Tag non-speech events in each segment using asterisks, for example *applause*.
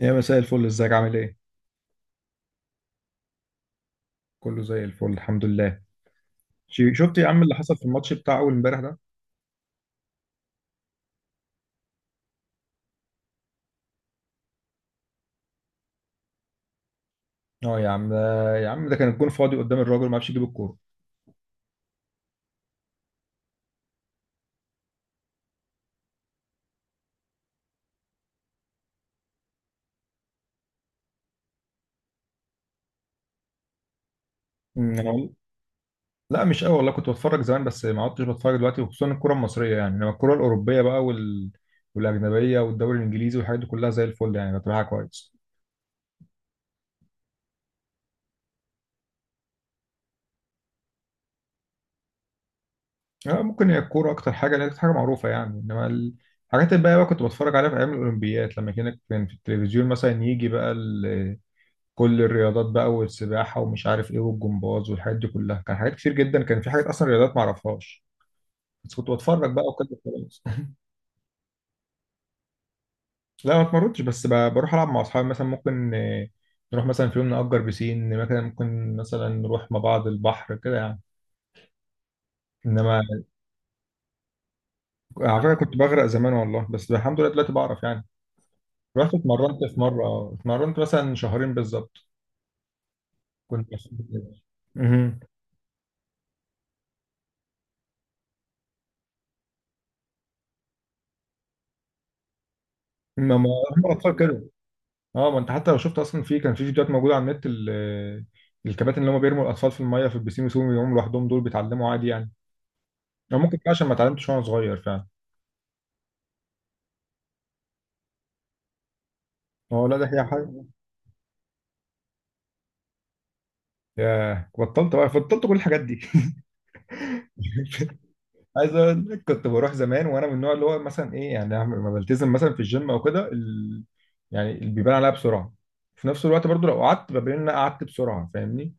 يا مساء الفل، ازيك عامل ايه؟ كله زي الفل الحمد لله. شفت يا عم اللي حصل في الماتش بتاع اول امبارح ده؟ اه يا عم ده يا عم ده كان الجون فاضي قدام الراجل ما عرفش يجيب الكوره. انا والله لا، مش قوي والله، كنت بتفرج زمان بس ما عدتش بتفرج دلوقتي، وخصوصا الكره المصريه يعني، انما الكره الاوروبيه بقى والاجنبيه والدوري الانجليزي والحاجات دي كلها زي الفل يعني، بتابعها كويس. اه ممكن، هي الكوره اكتر حاجه لان حاجه معروفه يعني، انما الحاجات الباقيه بقى كنت بتفرج عليها في ايام الاولمبياد، لما كان في التلفزيون مثلا يجي بقى كل الرياضات بقى، والسباحه ومش عارف ايه، والجمباز والحاجات دي كلها، كان حاجات كتير جدا، كان في حاجات اصلا رياضات ما اعرفهاش، بس كنت بتفرج بقى وكده خلاص. لا ما اتمرنتش، بس بروح العب مع اصحابي مثلا، ممكن نروح مثلا في يوم نأجر بسين، مثلا ممكن مثلا نروح مع بعض البحر كده يعني. انما على فكره كنت بغرق زمان والله، بس الحمد لله دلوقتي بعرف يعني. رحت اتمرنت في مره، اتمرنت مثلا شهرين بالظبط. كنت مبسوط جدا. مهم. ما ما هم الاطفال كده. اه، ما انت حتى لو شفت، اصلا في كان في فيديوهات موجوده على النت، الكباتن اللي هم بيرموا الاطفال في الميه في البسين ويسيبهم يقوموا لوحدهم، دول بيتعلموا عادي يعني. او ممكن بقى عشان ما اتعلمتش وانا صغير فعلا. اه لا ده هي حاجه. ياه بطلت بقى، بطلت كل الحاجات دي *laughs* عايز اقول لك كنت بروح زمان، وانا من النوع اللي هو مثلا ايه يعني، لما بلتزم مثلا في الجيم او كده يعني اللي بيبان عليها بسرعه. في نفس الوقت برضو لو قعدت، ببين ان انا قعدت بسرعه، فاهمني؟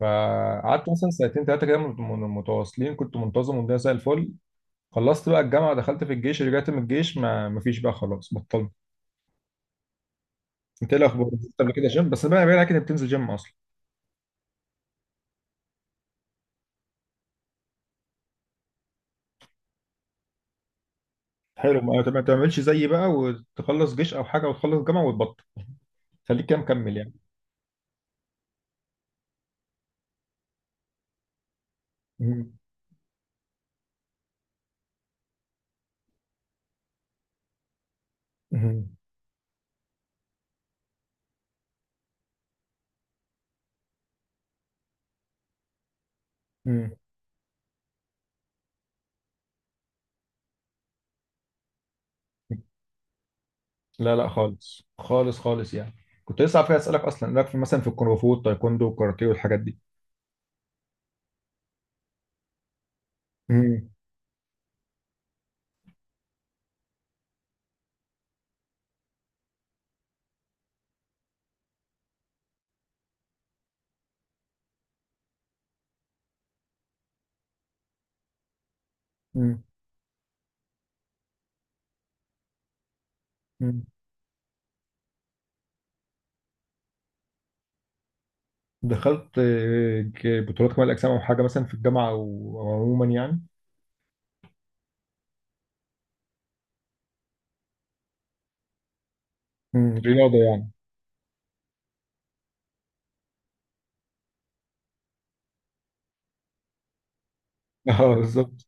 فقعدت مثلا سنتين ثلاثه كده متواصلين، كنت منتظم والدنيا زي الفل. خلصت بقى الجامعه، دخلت في الجيش، رجعت من الجيش، ما مفيش بقى خلاص بطلت. انت ايه الاخبار؟ كنت قبل كده جيم، بس بقى كده بتنزل جيم اصلا؟ حلو، ما ما تعملش زيي بقى، وتخلص جيش او حاجه وتخلص جامعه وتبطل. خليك كده مكمل يعني. مم. مم. مم. لا لا، خالص خالص خالص يعني. كنت لسه عارف اسالك اصلا، لك في مثلا في الكونغ فو والتايكوندو والكاراتيه والحاجات دي؟ مم. مم. مم. دخلت بطولات كمال الاجسام او حاجه مثلا في الجامعه او أو عموما يعني؟ مم. رياضه يعني. *laughs* اه بالظبط.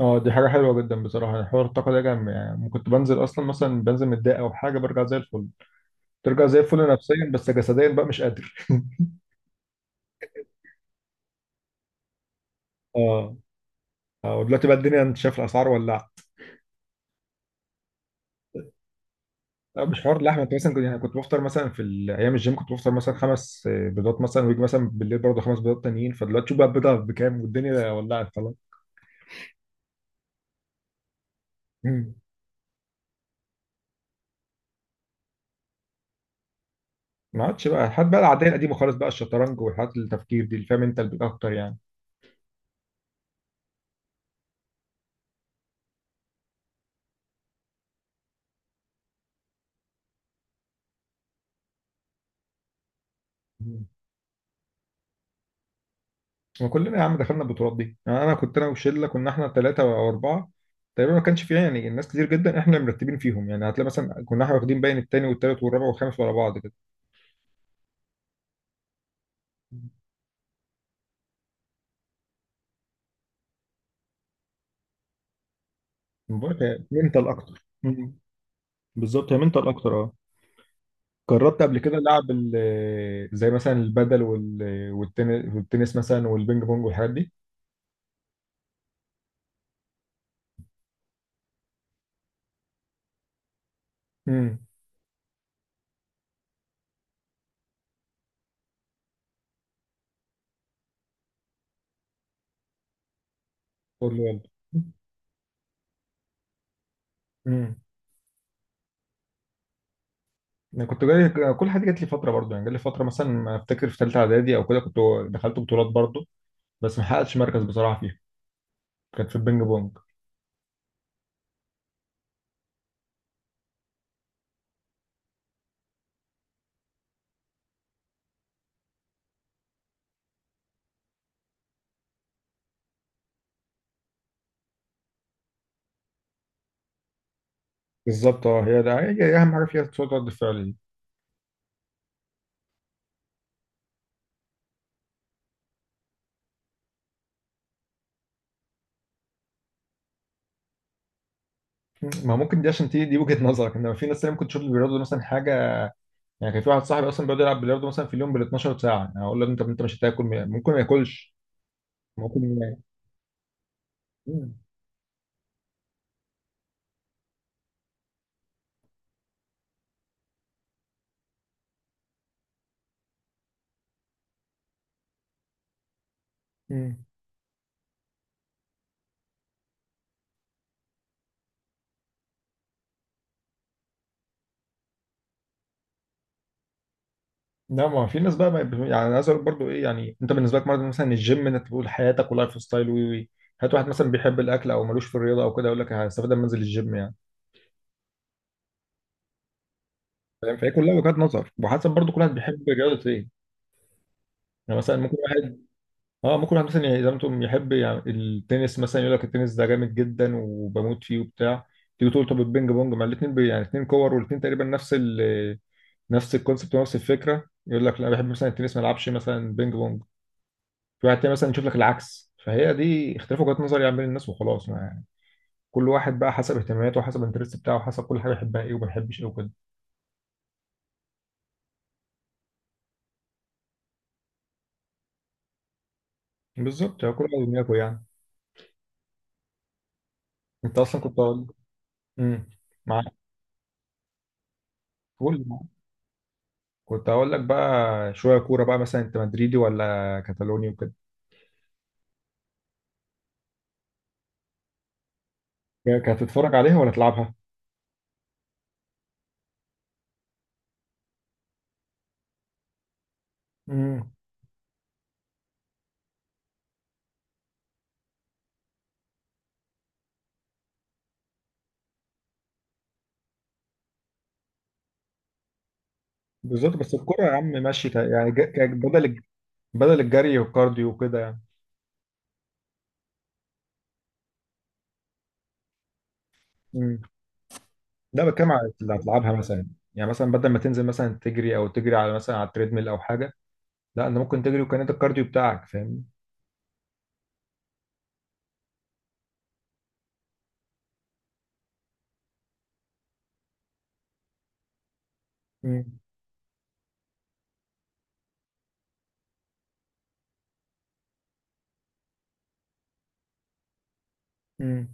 اه دي حاجة حلوة جدا بصراحة، يعني حوار الطاقة ده جامد، يعني كنت بنزل أصلا مثلا، بنزل متضايق أو حاجة، برجع زي الفل. ترجع زي الفل نفسيا، بس جسديا بقى مش قادر *laughs* اه. اه ودلوقتي بقى الدنيا أنت شايف، الأسعار ولعت. لا مش حوار اللحمة، أنت مثلا كنت يعني، كنت بفطر مثلا في أيام الجيم كنت بفطر مثلا خمس بيضات مثلا، ويجي مثلا بالليل برضه خمس بيضات تانيين، فدلوقتي شوف بقى البيضة بكام، والدنيا ولعت خلاص. مم. ما عادش بقى الحاجات بقى العادية القديمة خالص بقى، الشطرنج والحاجات التفكير دي، اللي فاهم أنت اللي أكتر يعني. وكلنا يا عم دخلنا البطولات دي يعني، انا كنت انا وشله، كنا احنا ثلاثه او اربعه تقريبا، ما كانش فيها يعني ناس كتير جدا، احنا مرتبين فيهم يعني، هتلاقي مثلا كنا احنا واخدين باين الثاني والثالث والرابع والخامس ورا بعض كده. بقولك هي منتال اكتر. مم. بالظبط هي منتال اكتر، اه. جربت قبل كده لعب زي مثلا البدل والتنس مثلا والبينج بونج والحاجات دي؟ امم. قول لي يلا. امم. انا كنت جاي كل حاجه جات لي فتره برضه، يعني جات لي فتره مثلا ما افتكر في ثالثه اعدادي او كده، كنت دخلت بطولات برضه، بس ما حققتش مركز بصراحه فيها، كانت في البينج بونج. بالظبط اه، هي ده هي اهم حاجه فيها، صوت رد الفعل دي. ما ممكن دي عشان تيجي دي وجهة نظرك، انما في ناس تانية ممكن تشوف البلياردو ده مثلا حاجة، يعني كان في واحد صاحبي اصلا بيقعد يلعب بلياردو مثلا في اليوم بال 12 ساعة يعني، اقول له انت انت مش هتاكل، ممكن ما ياكلش. ممكن ما- مم. مم. لا، ما في ناس بقى ما يعني انا عايز اقول برضه ايه يعني، انت بالنسبة لك مرض مثلا الجيم، انك تقول حياتك ولايف ستايل وي وي، هات واحد مثلا بيحب الاكل او ملوش في الرياضة او كده يقول لك هستفاد لما انزل الجيم يعني؟ فاهم، فهي كلها وجهات نظر وحسب برضه، كل واحد بيحب رياضة ايه. يعني مثلا ممكن واحد، اه ممكن واحد مثلا يعني، زي ما انتم، يحب يعني التنس مثلا، يقول لك التنس ده جامد جدا وبموت فيه وبتاع، تيجي تقول طب البينج بونج مع الاثنين يعني، اثنين كور والاثنين تقريبا نفس ال، نفس الكونسبت ونفس الفكره، يقول لك لا أنا بحب مثلا التنس ما العبش مثلا بينج بونج. في واحد تاني مثلا يشوف لك العكس، فهي دي اختلاف وجهات نظر يعني بين الناس وخلاص، ما يعني، كل واحد بقى حسب اهتماماته وحسب الانترست بتاعه وحسب كل حاجه يحبها ايه وما يحبش ايه وكده. بالظبط هو كل واحد ودماغه يعني. انت اصلا امم. معاك. قول. كنت هقول لك بقى شويه كوره بقى مثلا، انت مدريدي ولا كتالوني وكده؟ يعني كانت هتتفرج عليها ولا تلعبها؟ امم. بالظبط. بس الكوره يا عم ماشي، يعني بدل الجري والكارديو وكده يعني. امم. لا بتكلم على اللي هتلعبها مثلا. يعني مثلا بدل ما تنزل مثلا تجري، او تجري على مثلا على التريدميل او حاجه، لا انت ممكن تجري، وكان انت الكارديو بتاعك فاهم. امم. امم.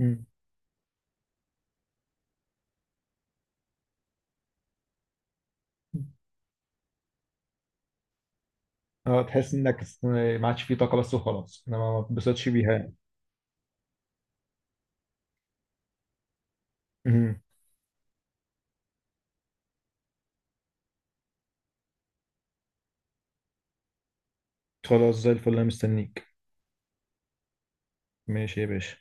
امم. اه تحس انك ما عادش فيه طاقه بس وخلاص، انا ما ما اتبسطتش بيها يعني. امم. خلاص زي الفل، انا مستنيك. ماشي يا باشا.